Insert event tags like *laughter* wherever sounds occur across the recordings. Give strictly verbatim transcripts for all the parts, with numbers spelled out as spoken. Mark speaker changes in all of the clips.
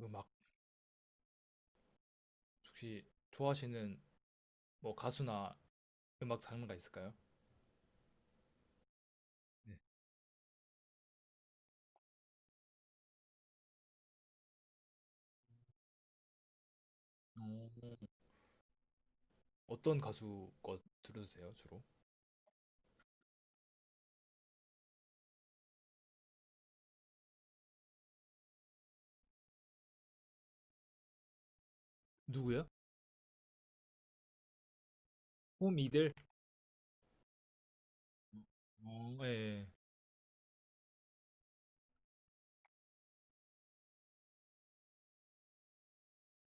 Speaker 1: 음악 혹시 좋아하시는 뭐 가수나 음악 장르가 있을까요? 네. 어, 어떤 가수 거 들으세요, 주로? 누구요? 호미들? 어, 예, 예.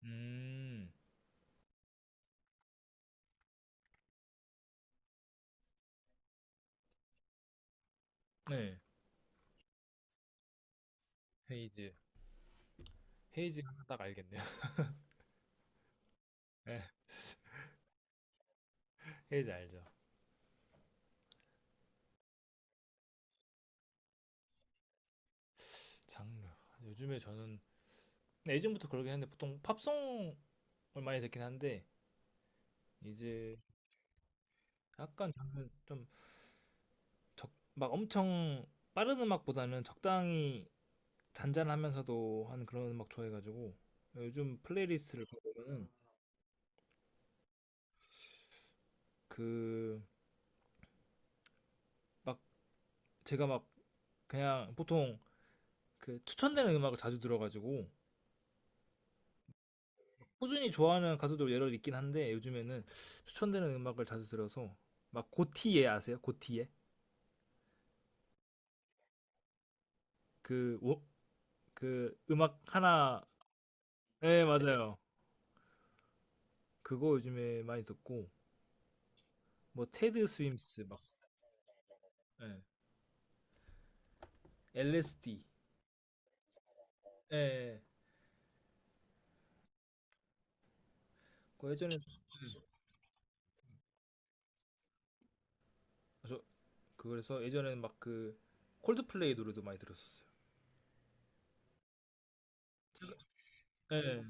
Speaker 1: 음, 네. 헤이즈. 헤이즈 하나 딱 알겠네요. *laughs* 예. 헤이즈 알죠. 장르. 요즘에 저는 근데 예전부터 그러긴 했는데 보통 팝송을 많이 듣긴 한데 이제 약간 저는 좀 적, 막 엄청 빠른 음악보다는 적당히 잔잔하면서도 한 그런 음악 좋아해가지고 요즘 플레이리스트를 보면은 그 막 제가 막 그냥 보통 그 추천되는 음악을 자주 들어가지고 꾸준히 좋아하는 가수도 여러 있긴 한데 요즘에는 추천되는 음악을 자주 들어서 막 고티예 아세요? 고티예? 그, 오- 그 음악 하나 네 맞아요 그거 요즘에 많이 듣고 뭐 테드 스윙스 막 예. 엘에스디 예. 예. 그 예전에 저 그래서 예전에는 막 그 콜드플레이 노래도 많이 들었었어요. 최근- 예,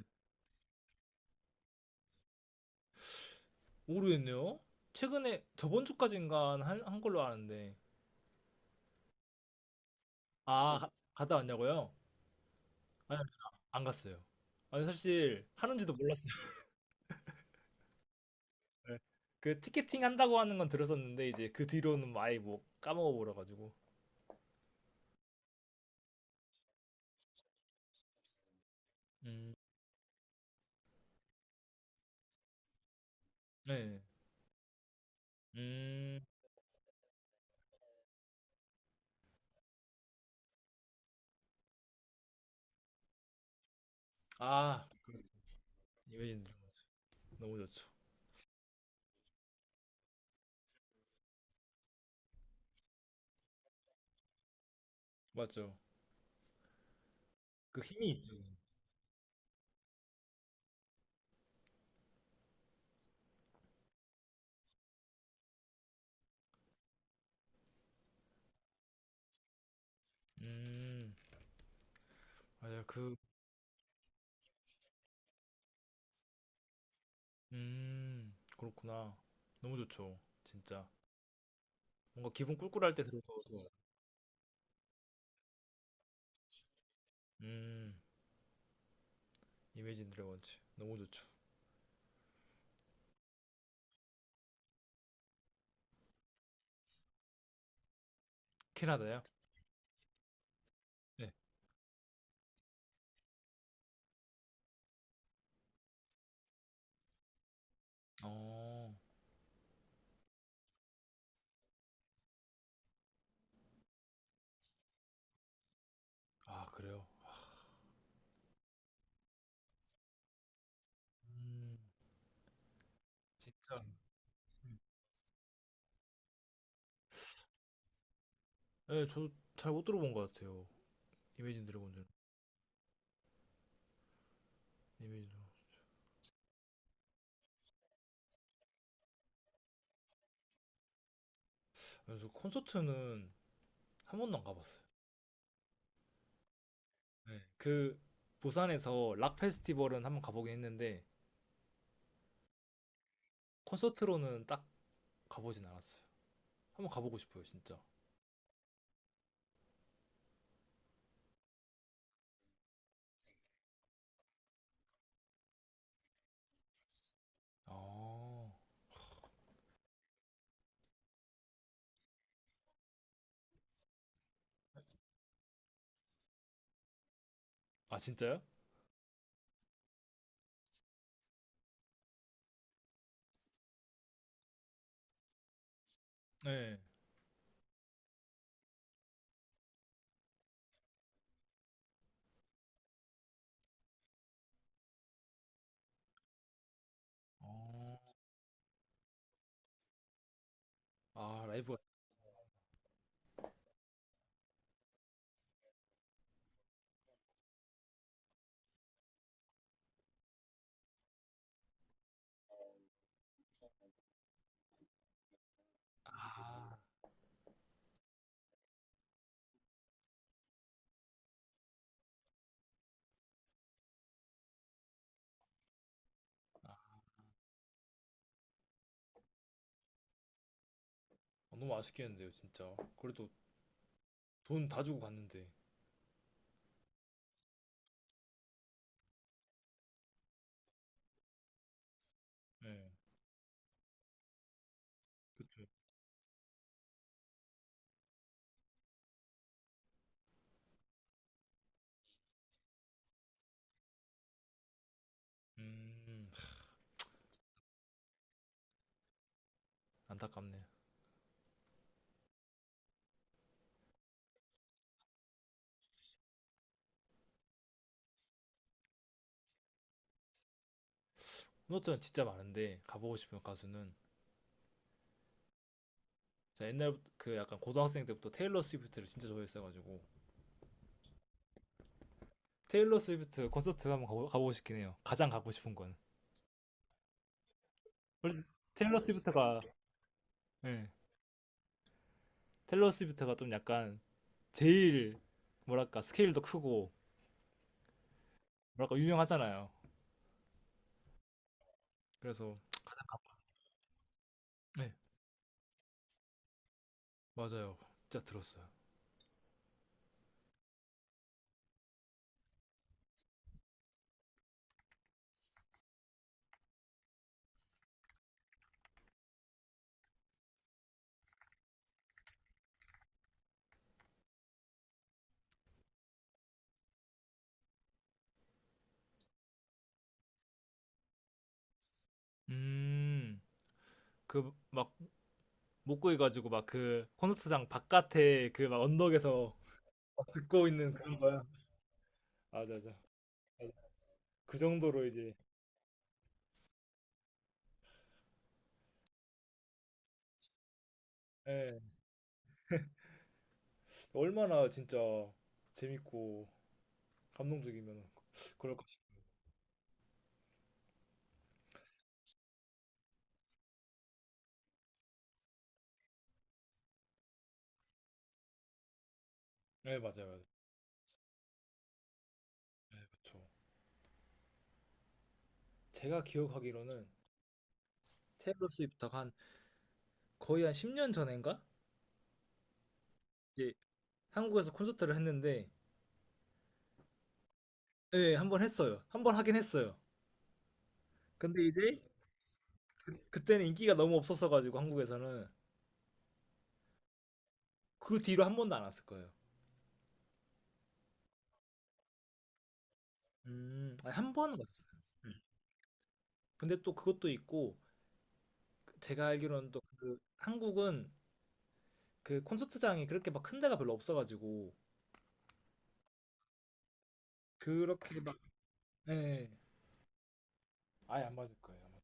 Speaker 1: 모르겠네요. 최근에 저번 주까지인가 한, 한 걸로 아는데 아 가- 갔다 왔냐고요? 아니 안 갔어요. 아니 사실 하는지도 몰랐어요. *laughs* 예. 그 티켓팅 한다고 하는 건 들었었는데 이제 그 뒤로는 뭐 아예 뭐 까먹어 버려 가지고. 음, 네. 음, 아, 이벤트 너무 좋죠. 맞죠. 그 힘이 있죠. 음, 맞아요. 그 음. 그렇구나. 너무 좋죠. 진짜. 뭔가 기분 꿀꿀할 때 들어도 좋아요. 음. Imagine Dragons 너무 좋죠. 캐나다요? 네. 어. 아 그래요? 음. 진짜 음. 예 저도 잘 못 들어본 것 같아요. Imagine Dragons는. 그래서 콘서트는 한 번도 안 가 봤어요. 네. 그 부산에서 락 페스티벌은 한번 가 보긴 했는데 콘서트로는 딱 가 보진 않았어요. 한번 가 보고 싶어요 진짜. 아. 아 진짜요? 네 어, 아 라이브가 아, 아, 너무 아쉽겠는데요 진짜 그래도 돈 다 주고 갔는데 예 그쵸. 음 안타깝네 콘서트는 진짜 많은데 가보고 싶은 가수는 제가 옛날 그 약간 고등학생 때부터 테일러 스위프트를 진짜 좋아했어가지고 테일러 스위프트 콘서트 한번 가보, 가보고 싶긴 해요 가장 가고 싶은 건 솔직히 테일러 어, 스위프트가 예 테일러 스위프트가 좀 약간 제일 뭐랄까 스케일도 크고 뭐랄까 유명하잖아요 그래서 네 맞아요 진짜 들었어요 음, 그 막 목구이 가지고 막 그 콘서트장 바깥에 그 막 언덕에서 막 듣고 있는 그런 거야. 맞아, 맞아. 맞아. 그 정도로 이제 예, 얼마나 진짜 재밌고 감동적이면 그럴 것 싶어요. 네, 맞아요, 맞아요. 네, 그쵸. 제가 기억하기로는 테일러 스위프트가 한 거의 한 십 년 전인가? 이제 한국에서 콘서트를 했는데 예, 한 번 했어요. 한 번 하긴 했어요. 근데 이제 그때는 인기가 너무 없었어가지고 한국에서는 그 뒤로 한 번도 안 왔을 거예요. 음. 아니, 한 번은 갔었어요. 음. 근데 또 그것도 있고 그 제가 알기로는 또 그 한국은 그 콘서트장이 그렇게 막 큰 데가 별로 없어가지고 그렇게 막 예. 예. 아예 안 맞을 거예요. 아마.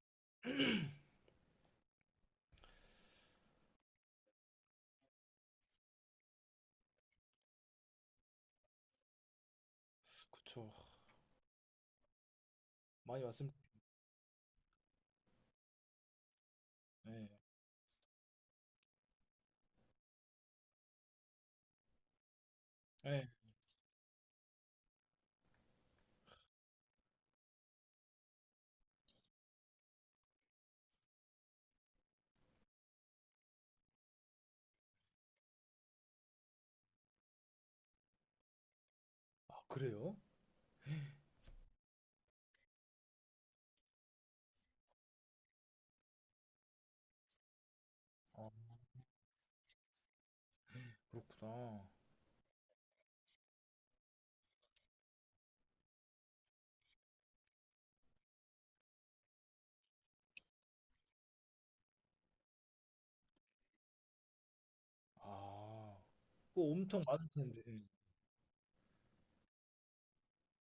Speaker 1: 그쵸. 많이 왔으면 예. 예. 아, 그래요? 아, 그렇구나. 아. 그거 엄청 많을 텐데.